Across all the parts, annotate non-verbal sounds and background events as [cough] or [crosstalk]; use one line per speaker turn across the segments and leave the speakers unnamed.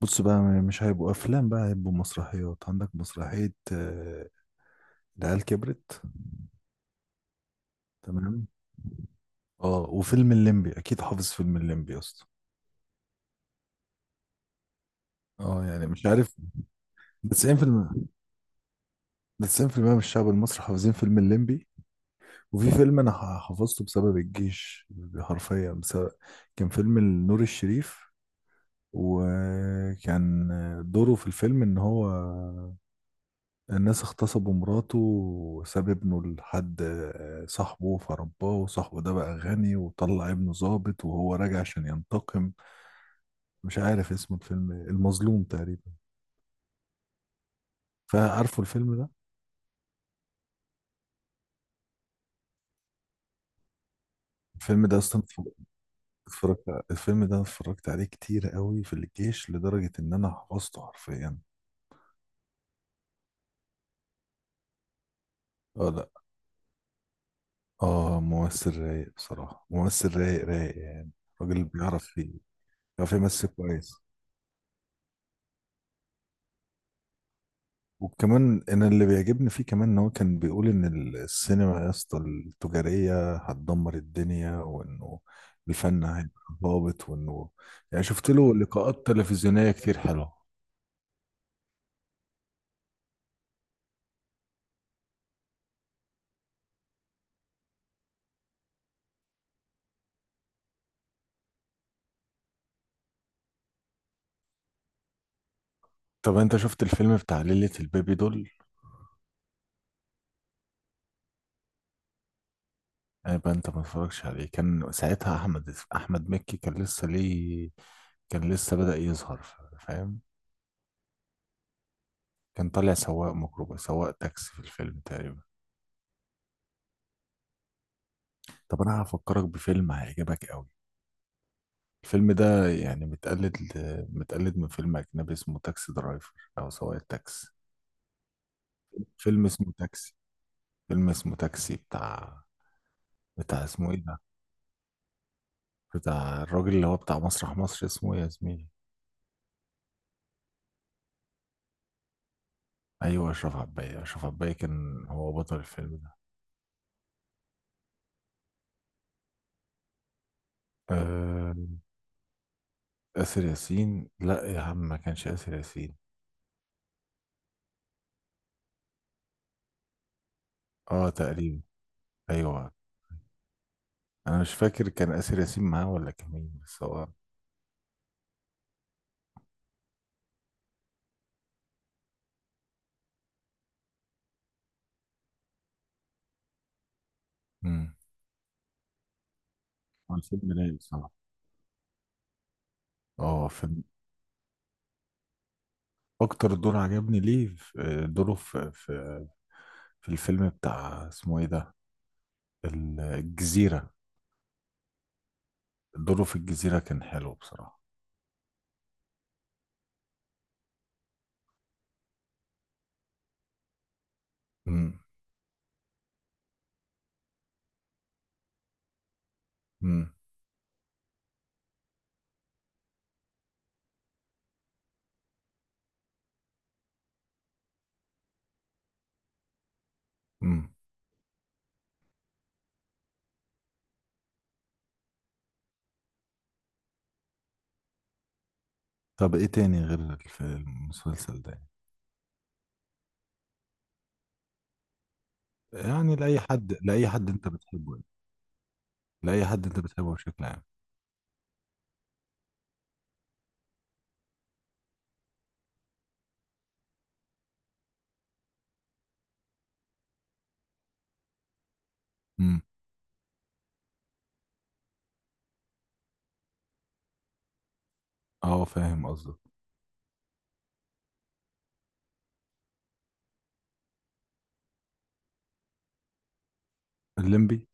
بص بقى مش هيبقوا افلام بقى هيبقوا مسرحيات، عندك مسرحية العيال كبرت. تمام. اه وفيلم الليمبي اكيد، حافظ فيلم الليمبي يا اسطى. اه يعني مش عارف، ده 90%، ده 90% من الشعب المصري حافظين فيلم الليمبي. وفي فيلم حفظته بسبب الجيش، حرفيا بسبب، كان فيلم نور الشريف، وكان دوره في الفيلم ان هو الناس اغتصبوا مراته وساب ابنه لحد صاحبه فرباه، وصاحبه ده بقى غني وطلع ابنه ضابط وهو راجع عشان ينتقم. مش عارف اسم الفيلم إيه، المظلوم تقريبا. فعارفه الفيلم ده. الفيلم ده اصلا اتف- اتفرجت الفيلم ده، أنا اتفرجت عليه كتير قوي في الجيش لدرجة ان انا حفظته حرفيا. اه لا. اه ممثل رايق بصراحة، ممثل رايق رايق يعني. راجل بيعرف فيه، بيعرف يمثل كويس. وكمان انا اللي بيعجبني فيه كمان ان هو كان بيقول ان السينما يا اسطى التجاريه هتدمر الدنيا، وانه الفن هيبقى ضابط، وانه يعني شفت له لقاءات تلفزيونيه كتير حلوه. طب انت شفت الفيلم بتاع ليلة البيبي دول؟ يبقى انت ما اتفرجش عليه. كان ساعتها احمد مكي كان لسه ليه، كان لسه بدأ يظهر، فاهم. كان طالع سواق ميكروباص، سواق تاكسي في الفيلم تقريبا. طب انا هفكرك بفيلم هيعجبك قوي. الفيلم ده يعني متقلد، متقلد من فيلم أجنبي اسمه تاكسي درايفر، أو سواق التاكسي. فيلم اسمه تاكسي، بتاع، اسمه إيه ده، بتاع الراجل اللي هو بتاع مسرح مصر اسمه إيه يا زميلي؟ أيوه أشرف عباية، كان هو بطل الفيلم ده. آه. آسر ياسين؟ لا يا عم، ما كانش آسر ياسين. اه تقريبا. أيوه. أنا مش فاكر كان آسر ياسين معاه ولا كان مين، بس هو. مم. هو الفيلم رايق بصراحة. اه فيلم، اكتر دور عجبني ليه دوره في في الفيلم بتاع اسمه ايه ده، الجزيرة. دوره في الجزيرة كان حلو بصراحة. امم. امم. امم. طب ايه تاني غير في المسلسل ده؟ يعني لأي حد، لأي حد انت بتحبه يعني. لأي حد انت بتحبه بشكل عام. امم. اه فاهم قصدك. الليمبي،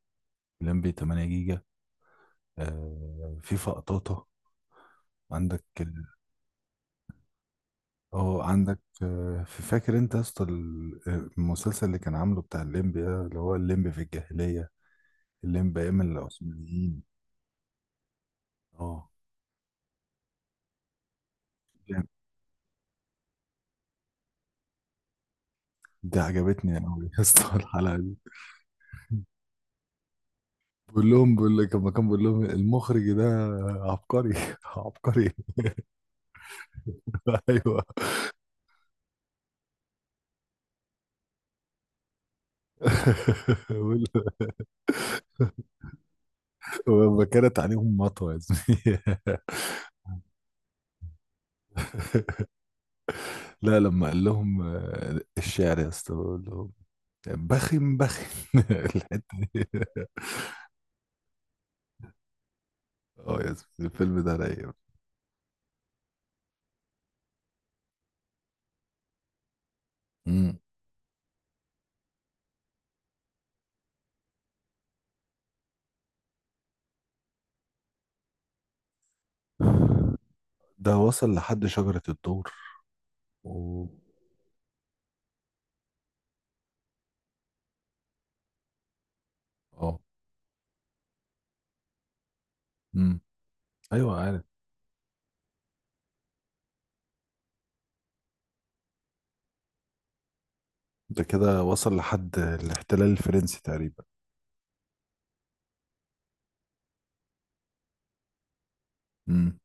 الليمبي 8 جيجا. آه في فقطاطة. عندك. اه عندك، فاكر انت يا اسطى المسلسل اللي كان عامله بتاع الليمبي ده، اللي هو الليمبي في الجاهلية، الليمبي ايام العثمانيين. اه جامد. دي عجبتني قوي يا اسطى [laughs] الحلقة دي. بقول لك، لما كان بقول لهم المخرج ده عبقري [laughs] عبقري [laughs] ايوه [laughs] بقول- ولما كانت عليهم مطوه يا زميلي [laughs] لا، لما قال لهم الشعر يا اسطى، بقول لهم بخم بخم [laughs] الحته دي. اه يا زميلي، الفيلم ده رايق. امم. ده وصل لحد شجرة الدور. اوه. اه. امم. ايوه عارف. ده كده وصل لحد الاحتلال الفرنسي تقريبا. امم.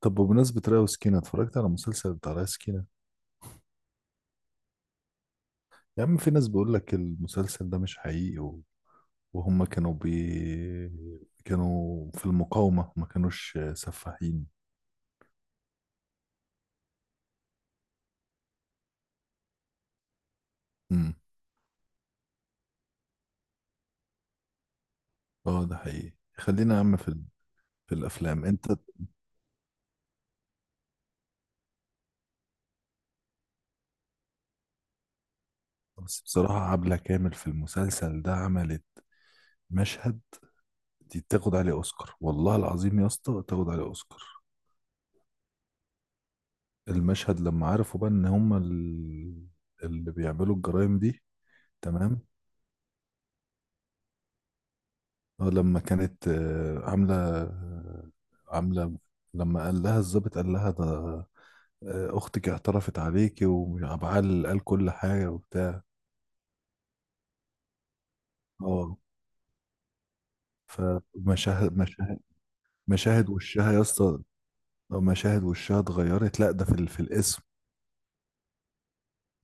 طب بمناسبة ريا وسكينة، اتفرجت على مسلسل بتاع ريا وسكينة. يا عم في ناس بيقول لك المسلسل ده مش حقيقي، و... وهم كانوا بي... كانوا في المقاومة ما كانوش سفاحين. امم. اه ده حقيقي، خلينا يا عم في الأفلام انت. بس بصراحة عبلة كامل في المسلسل ده عملت مشهد، دي تاخد عليه اوسكار، والله العظيم يا اسطى تاخد عليه اوسكار. المشهد لما عرفوا بقى ان هما اللي بيعملوا الجرائم دي. تمام. اه لما كانت عامله، لما قال لها الضابط قال لها ده اختك اعترفت عليكي وعبعال قال كل حاجه وبتاع. اه فمشاهد، مشاهد وشها يا اسطى، مشاهد وشها اتغيرت، لا ده في الاسم.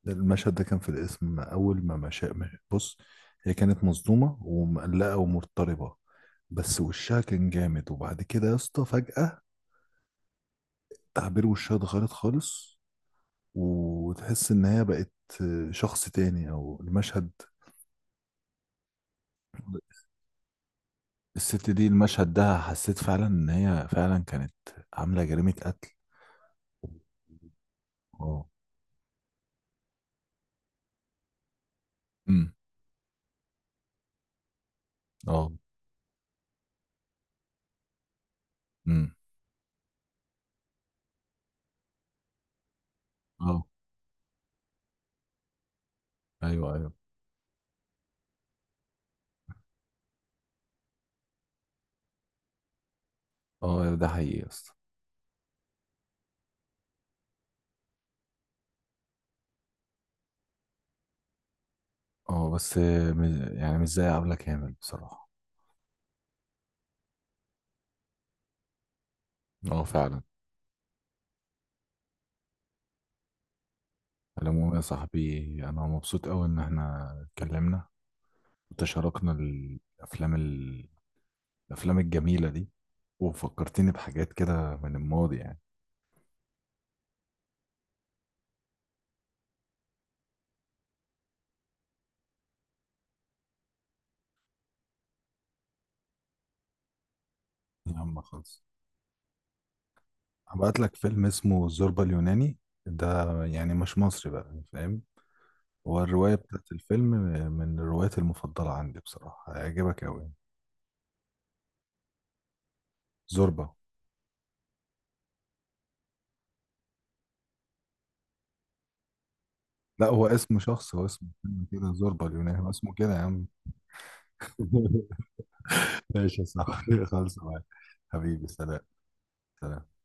المشهد ده كان في الاسم أول ما مشى. بص، هي كانت مصدومة ومقلقة ومضطربة، بس وشها كان جامد، وبعد كده يا اسطى فجأة تعبير وشها اتغيرت خالص، وتحس إن هي بقت شخص تاني، أو المشهد، الست دي المشهد ده حسيت فعلا إن هي فعلا كانت عاملة جريمة قتل. اه. امم. اه. امم. اه. ايوه ايوه. اه ده حقيقي يا اسطى. اه بس، يعني مش زي عبلة كامل بصراحة. اه فعلا. على العموم يا صاحبي، انا مبسوط قوي ان احنا اتكلمنا، وتشاركنا الافلام الجميله دي، وفكرتني بحاجات كده من الماضي يعني. يا عم خلص، هبعت لك فيلم اسمه الزوربة اليوناني. ده يعني مش مصري بقى، فاهم. هو الروايه بتاعت الفيلم من الروايات المفضله عندي بصراحه، هيعجبك قوي. زوربة. لا هو اسم شخص، هو اسم فيلم كده، زوربة اليوناني، هو اسمه كده يا عم [laughs] ماشي يا صاحبي، خلص معاك. حبيبي سلام. سلام.